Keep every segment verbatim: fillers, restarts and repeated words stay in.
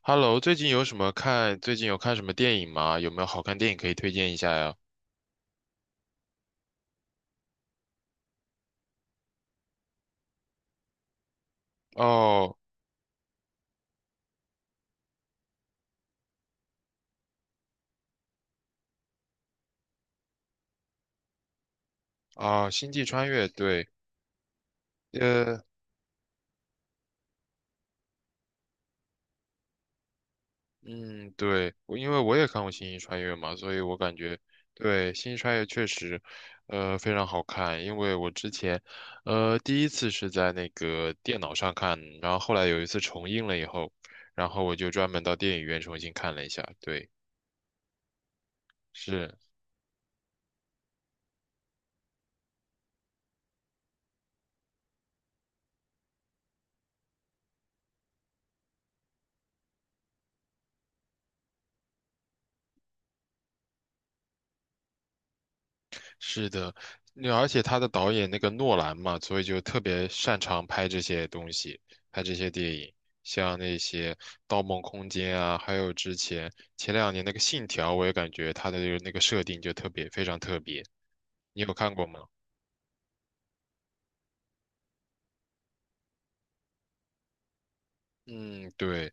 Hello，最近有什么看？最近有看什么电影吗？有没有好看电影可以推荐一下呀？哦，啊，《星际穿越》对，呃，嗯，对，我因为我也看过《星际穿越》嘛，所以我感觉对《星际穿越》确实，呃，非常好看。因为我之前，呃，第一次是在那个电脑上看，然后后来有一次重映了以后，然后我就专门到电影院重新看了一下。对，是。是的，那而且他的导演那个诺兰嘛，所以就特别擅长拍这些东西，拍这些电影，像那些《盗梦空间》啊，还有之前前两年那个《信条》，我也感觉他的那个设定就特别非常特别。你有看过吗？嗯，对。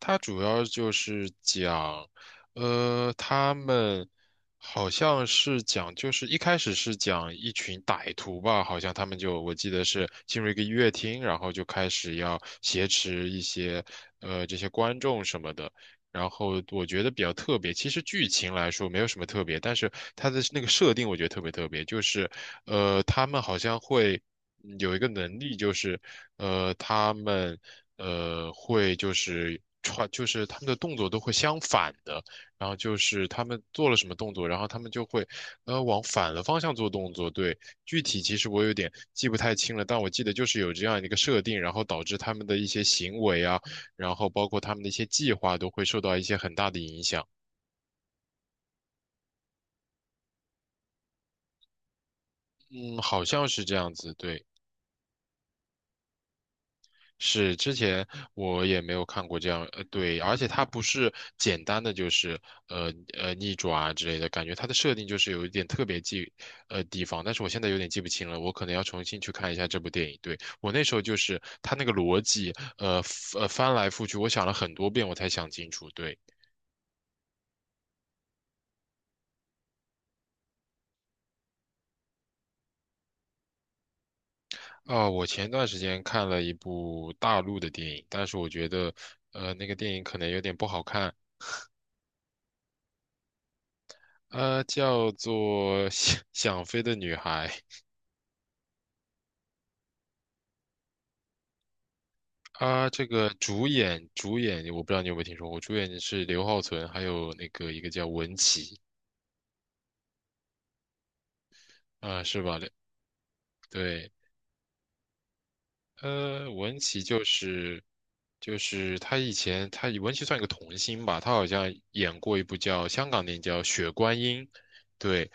它主要就是讲，呃，他们好像是讲，就是一开始是讲一群歹徒吧，好像他们就我记得是进入一个音乐厅，然后就开始要挟持一些呃这些观众什么的。然后我觉得比较特别，其实剧情来说没有什么特别，但是它的那个设定我觉得特别特别，就是呃，他们好像会嗯有一个能力，就是呃，他们呃会就是穿，就是他们的动作都会相反的，然后就是他们做了什么动作，然后他们就会呃往反的方向做动作。对，具体其实我有点记不太清了，但我记得就是有这样一个设定，然后导致他们的一些行为啊。然后包括他们的一些计划都会受到一些很大的影响。嗯，好像是这样子，对。是，之前我也没有看过这样，呃，对，而且它不是简单的就是呃呃逆转啊之类的，感觉它的设定就是有一点特别记，呃地方，但是我现在有点记不清了，我可能要重新去看一下这部电影。对，我那时候就是它那个逻辑，呃呃翻来覆去，我想了很多遍我才想清楚。对。啊，我前段时间看了一部大陆的电影，但是我觉得，呃，那个电影可能有点不好看，呃，叫做《<laughs> 想想飞的女孩》啊，这个主演主演我不知道你有没有听说过，主演是刘浩存，还有那个一个叫文淇，啊，是吧？对，呃，文琪就是就是他以前他文琪算一个童星吧，他好像演过一部叫香港电影叫《雪观音》，对，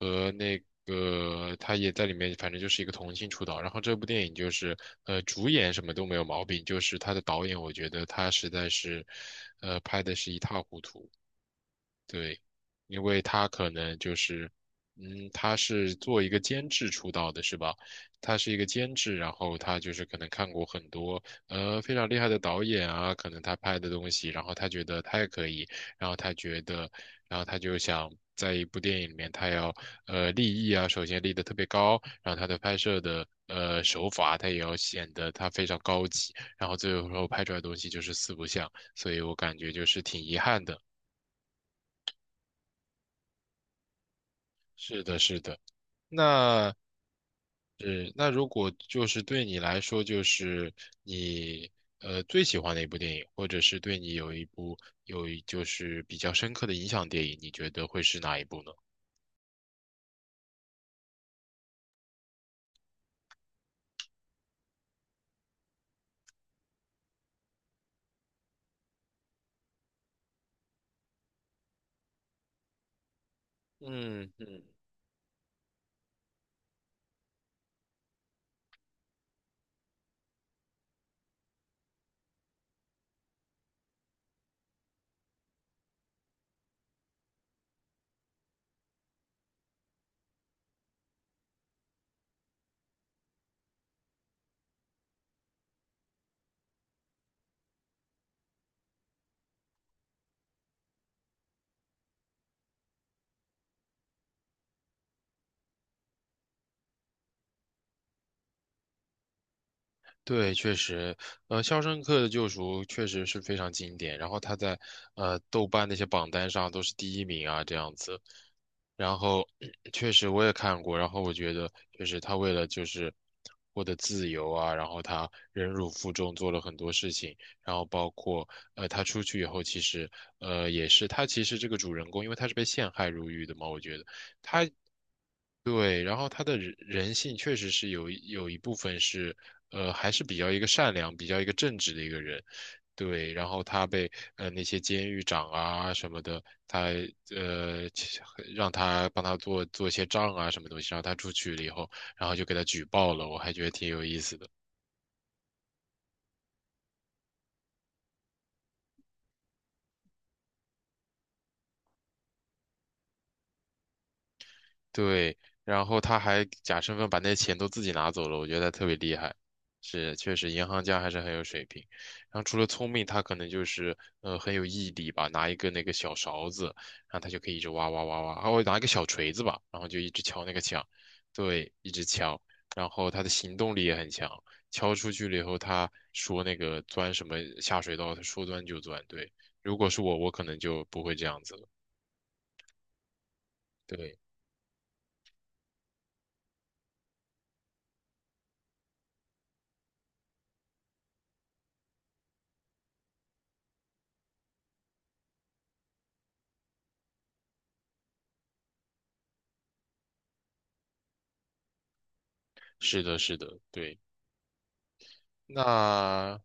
和那个他也在里面，反正就是一个童星出道。然后这部电影就是呃主演什么都没有毛病，就是他的导演我觉得他实在是呃拍的是一塌糊涂。对，因为他可能就是，嗯，他是做一个监制出道的，是吧？他是一个监制，然后他就是可能看过很多呃非常厉害的导演啊，可能他拍的东西，然后他觉得他也可以，然后他觉得，然后他就想在一部电影里面，他要呃立意啊，首先立得特别高，然后他的拍摄的呃手法，他也要显得他非常高级，然后最后拍出来的东西就是四不像，所以我感觉就是挺遗憾的。是的，是的。那是那如果就是对你来说，就是你呃最喜欢的一部电影，或者是对你有一部有一就是比较深刻的影响电影，你觉得会是哪一部呢？嗯嗯对，确实，呃，《肖申克的救赎》确实是非常经典，然后它在呃豆瓣那些榜单上都是第一名啊，这样子。然后确实我也看过，然后我觉得就是他为了就是获得自由啊，然后他忍辱负重做了很多事情，然后包括呃他出去以后，其实呃也是他其实这个主人公，因为他是被陷害入狱的嘛，我觉得。对，然后他的人人性确实是有一有一部分是，呃，还是比较一个善良、比较一个正直的一个人，对。然后他被呃那些监狱长啊什么的，他呃其让他帮他做做一些账啊什么东西，然后他出去了以后，然后就给他举报了，我还觉得挺有意思的。对，然后他还假身份把那钱都自己拿走了，我觉得他特别厉害。是，确实银行家还是很有水平。然后除了聪明，他可能就是呃很有毅力吧，拿一个那个小勺子，然后他就可以一直挖挖挖挖，还会拿一个小锤子吧，然后就一直敲那个墙，对，一直敲。然后他的行动力也很强，敲出去了以后，他说那个钻什么下水道，他说钻就钻。对，如果是我，我可能就不会这样子了。对，是的，是的，对。那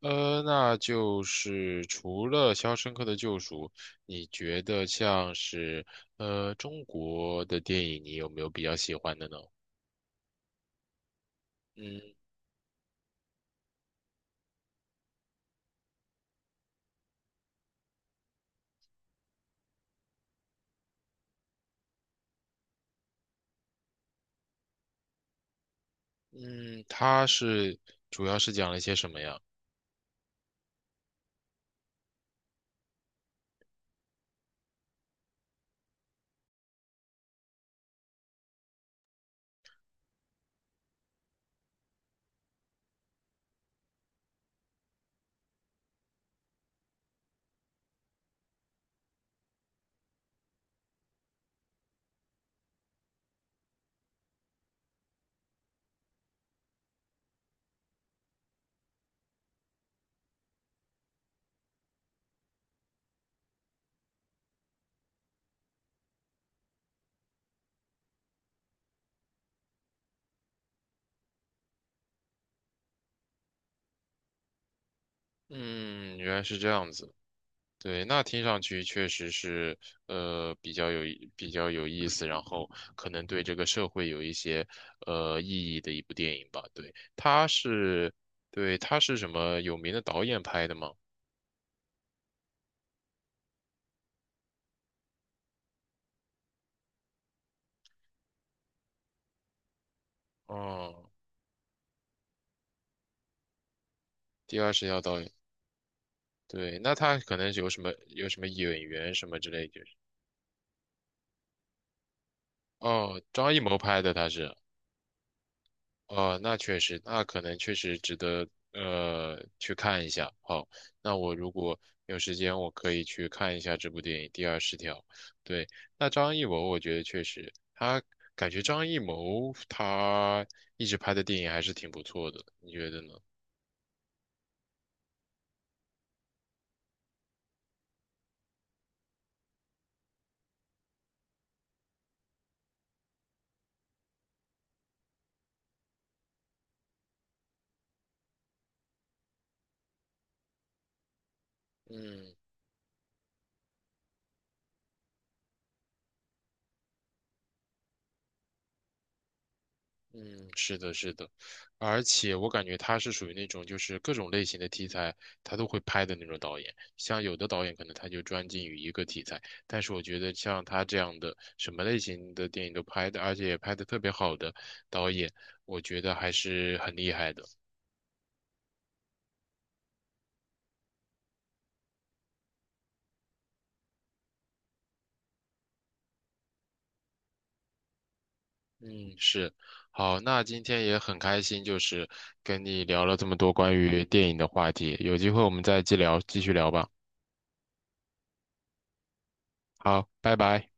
呃，那就是除了《肖申克的救赎》，你觉得像是呃中国的电影，你有没有比较喜欢的呢？嗯嗯，它是主要是讲了一些什么呀？嗯，原来是这样子。对，那听上去确实是呃比较有意比较有意思，然后可能对这个社会有一些呃意义的一部电影吧。对，它是对它是什么有名的导演拍的吗？哦。第二十条导演，对，那他可能是有什么有什么演员什么之类，就是哦，张艺谋拍的他是，哦，那确实，那可能确实值得呃去看一下。好，那我如果有时间，我可以去看一下这部电影《第二十条》。对，那张艺谋，我觉得确实，他感觉张艺谋他一直拍的电影还是挺不错的，你觉得呢？嗯。嗯，是的，是的，而且我感觉他是属于那种就是各种类型的题材他都会拍的那种导演。像有的导演可能他就专精于一个题材，但是我觉得像他这样的什么类型的电影都拍的，而且也拍的特别好的导演，我觉得还是很厉害的。嗯，是。好，那今天也很开心，就是跟你聊了这么多关于电影的话题，有机会我们再继聊，继续聊吧。好，拜拜。